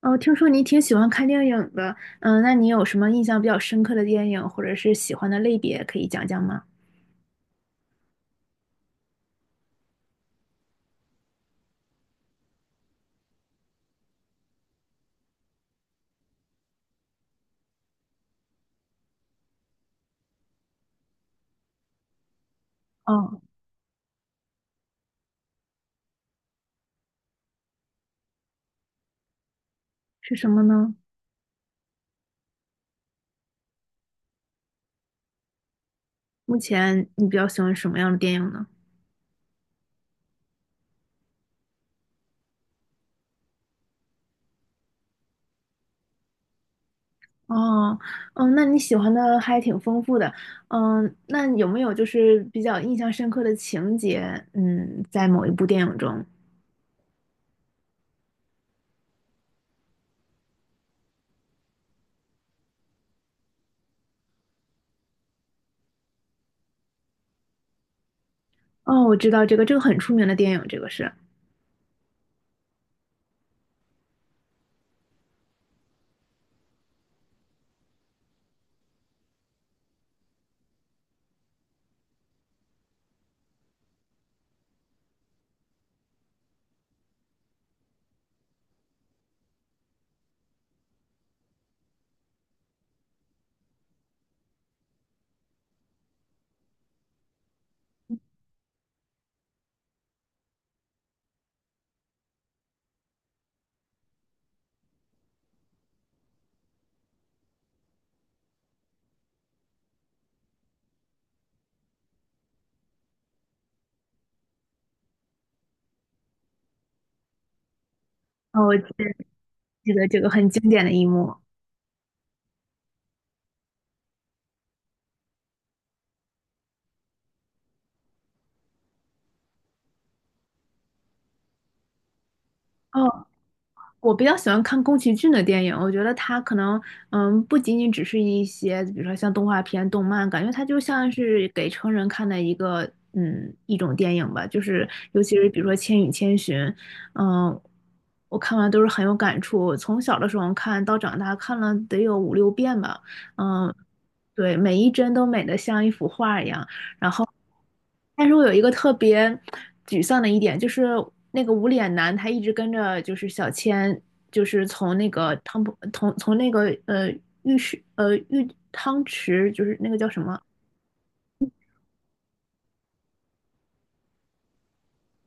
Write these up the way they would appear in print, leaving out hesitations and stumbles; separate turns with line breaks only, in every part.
哦，听说你挺喜欢看电影的，嗯，那你有什么印象比较深刻的电影，或者是喜欢的类别，可以讲讲吗？哦，是什么呢？目前你比较喜欢什么样的电影呢？哦，嗯，那你喜欢的还挺丰富的，嗯，那有没有就是比较印象深刻的情节？嗯，在某一部电影中，哦，我知道这个，这个很出名的电影，这个是，哦，我记得这个很经典的一幕。哦，我比较喜欢看宫崎骏的电影，我觉得他可能，嗯，不仅仅只是一些，比如说像动画片、动漫，感觉它就像是给成人看的一个，嗯，一种电影吧。就是尤其是比如说《千与千寻》，嗯，我看完都是很有感触。我从小的时候看到长大，看了得有五六遍吧，嗯，对，每一帧都美得像一幅画一样。然后，但是我有一个特别沮丧的一点，就是那个无脸男他一直跟着就是小千，就是从那个浴汤池，就是那个叫什么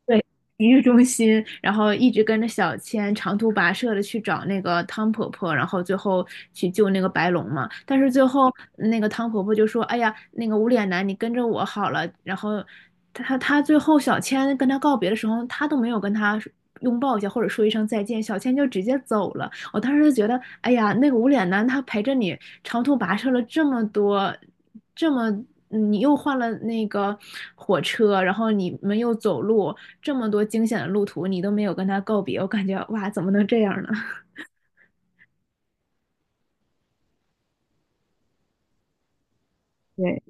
对，体育中心，然后一直跟着小千长途跋涉的去找那个汤婆婆，然后最后去救那个白龙嘛。但是最后那个汤婆婆就说：“哎呀，那个无脸男，你跟着我好了。”然后他最后小千跟他告别的时候，他都没有跟他拥抱一下或者说一声再见，小千就直接走了。我当时就觉得，哎呀，那个无脸男他陪着你长途跋涉了这么多，这么你又换了那个火车，然后你们又走路，这么多惊险的路途，你都没有跟他告别，我感觉哇，怎么能这样呢？对，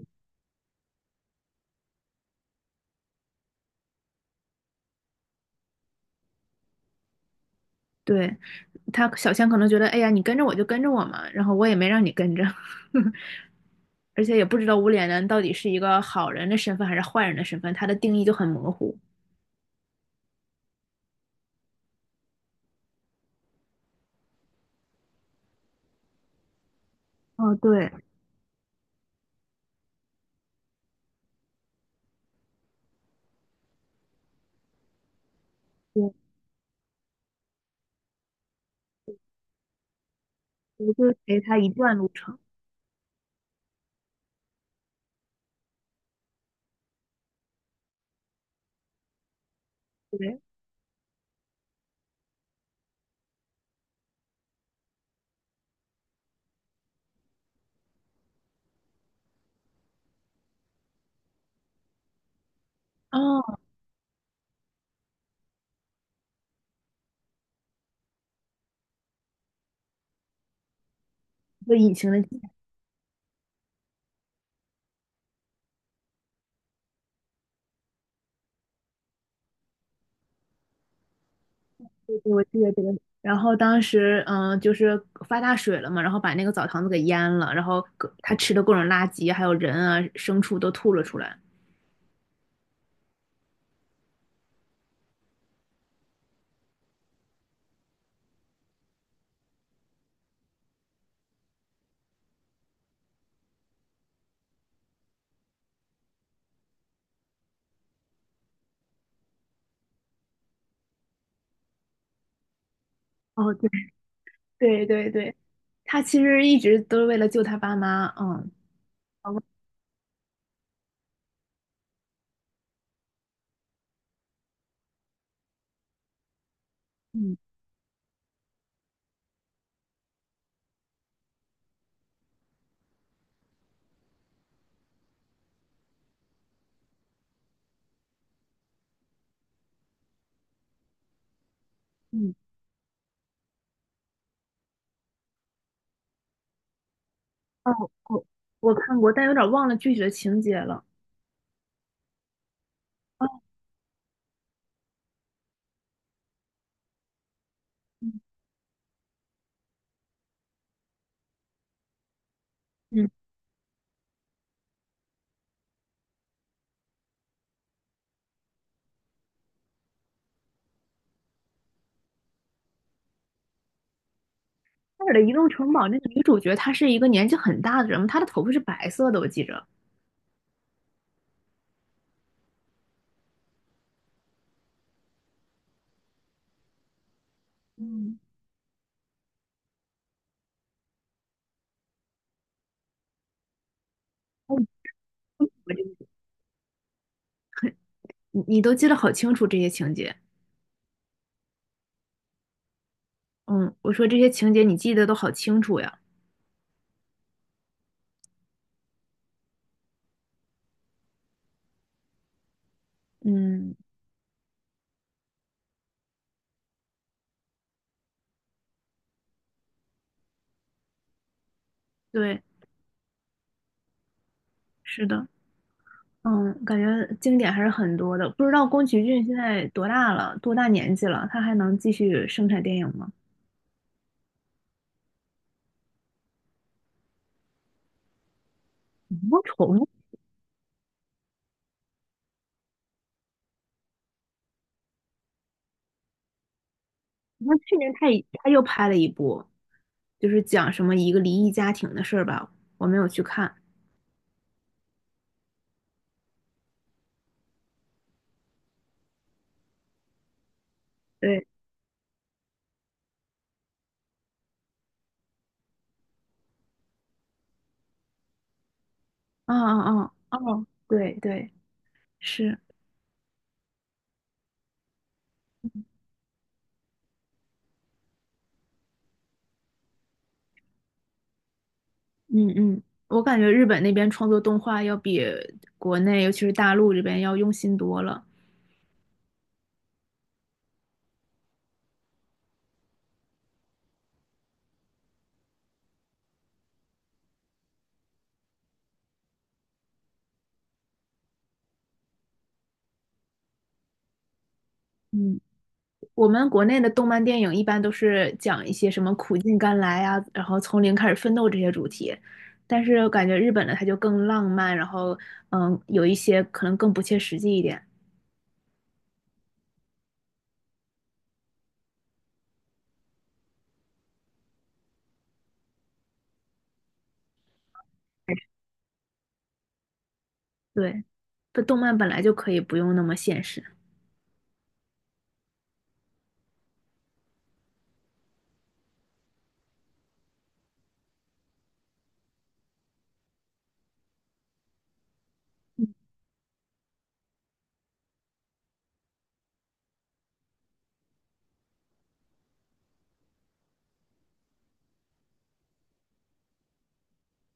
对，他小仙可能觉得，哎呀，你跟着我就跟着我嘛，然后我也没让你跟着，而且也不知道无脸男到底是一个好人的身份还是坏人的身份，他的定义就很模糊。哦，对，对，我就陪他一段路程。对，哦，一个隐形的记忆，给我记得这个。然后当时，嗯，就是发大水了嘛，然后把那个澡堂子给淹了，然后他吃的各种垃圾，还有人啊、牲畜都吐了出来。哦，对对对对，他其实一直都是为了救他爸妈。嗯，好吧嗯嗯，哦，我我看过，但有点忘了具体的情节了。哦，嗯，那尔的移动城堡那个女主角，她是一个年纪很大的人，她的头发是白色的，我记着。嗯，哦，你都记得好清楚这些情节。嗯，我说这些情节你记得都好清楚呀。嗯对，是的，嗯，感觉经典还是很多的。不知道宫崎骏现在多大了，多大年纪了，他还能继续生产电影吗？魔虫，那去年他又拍了一部，就是讲什么一个离异家庭的事儿吧，我没有去看。对，啊啊啊哦，对对，是，嗯嗯，我感觉日本那边创作动画要比国内，尤其是大陆这边要用心多了。嗯，我们国内的动漫电影一般都是讲一些什么苦尽甘来啊，然后从零开始奋斗这些主题，但是感觉日本的它就更浪漫，然后嗯，有一些可能更不切实际一点。对，它动漫本来就可以不用那么现实。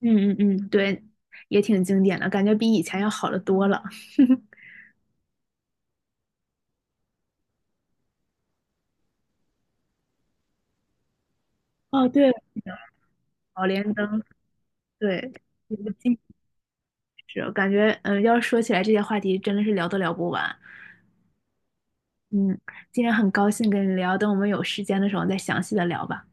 嗯嗯嗯，对，也挺经典的，感觉比以前要好的多了。哦，对，宝莲灯，对，一部纪实，感觉嗯，要是说起来这些话题，真的是聊都聊不完。嗯，今天很高兴跟你聊，等我们有时间的时候再详细的聊吧。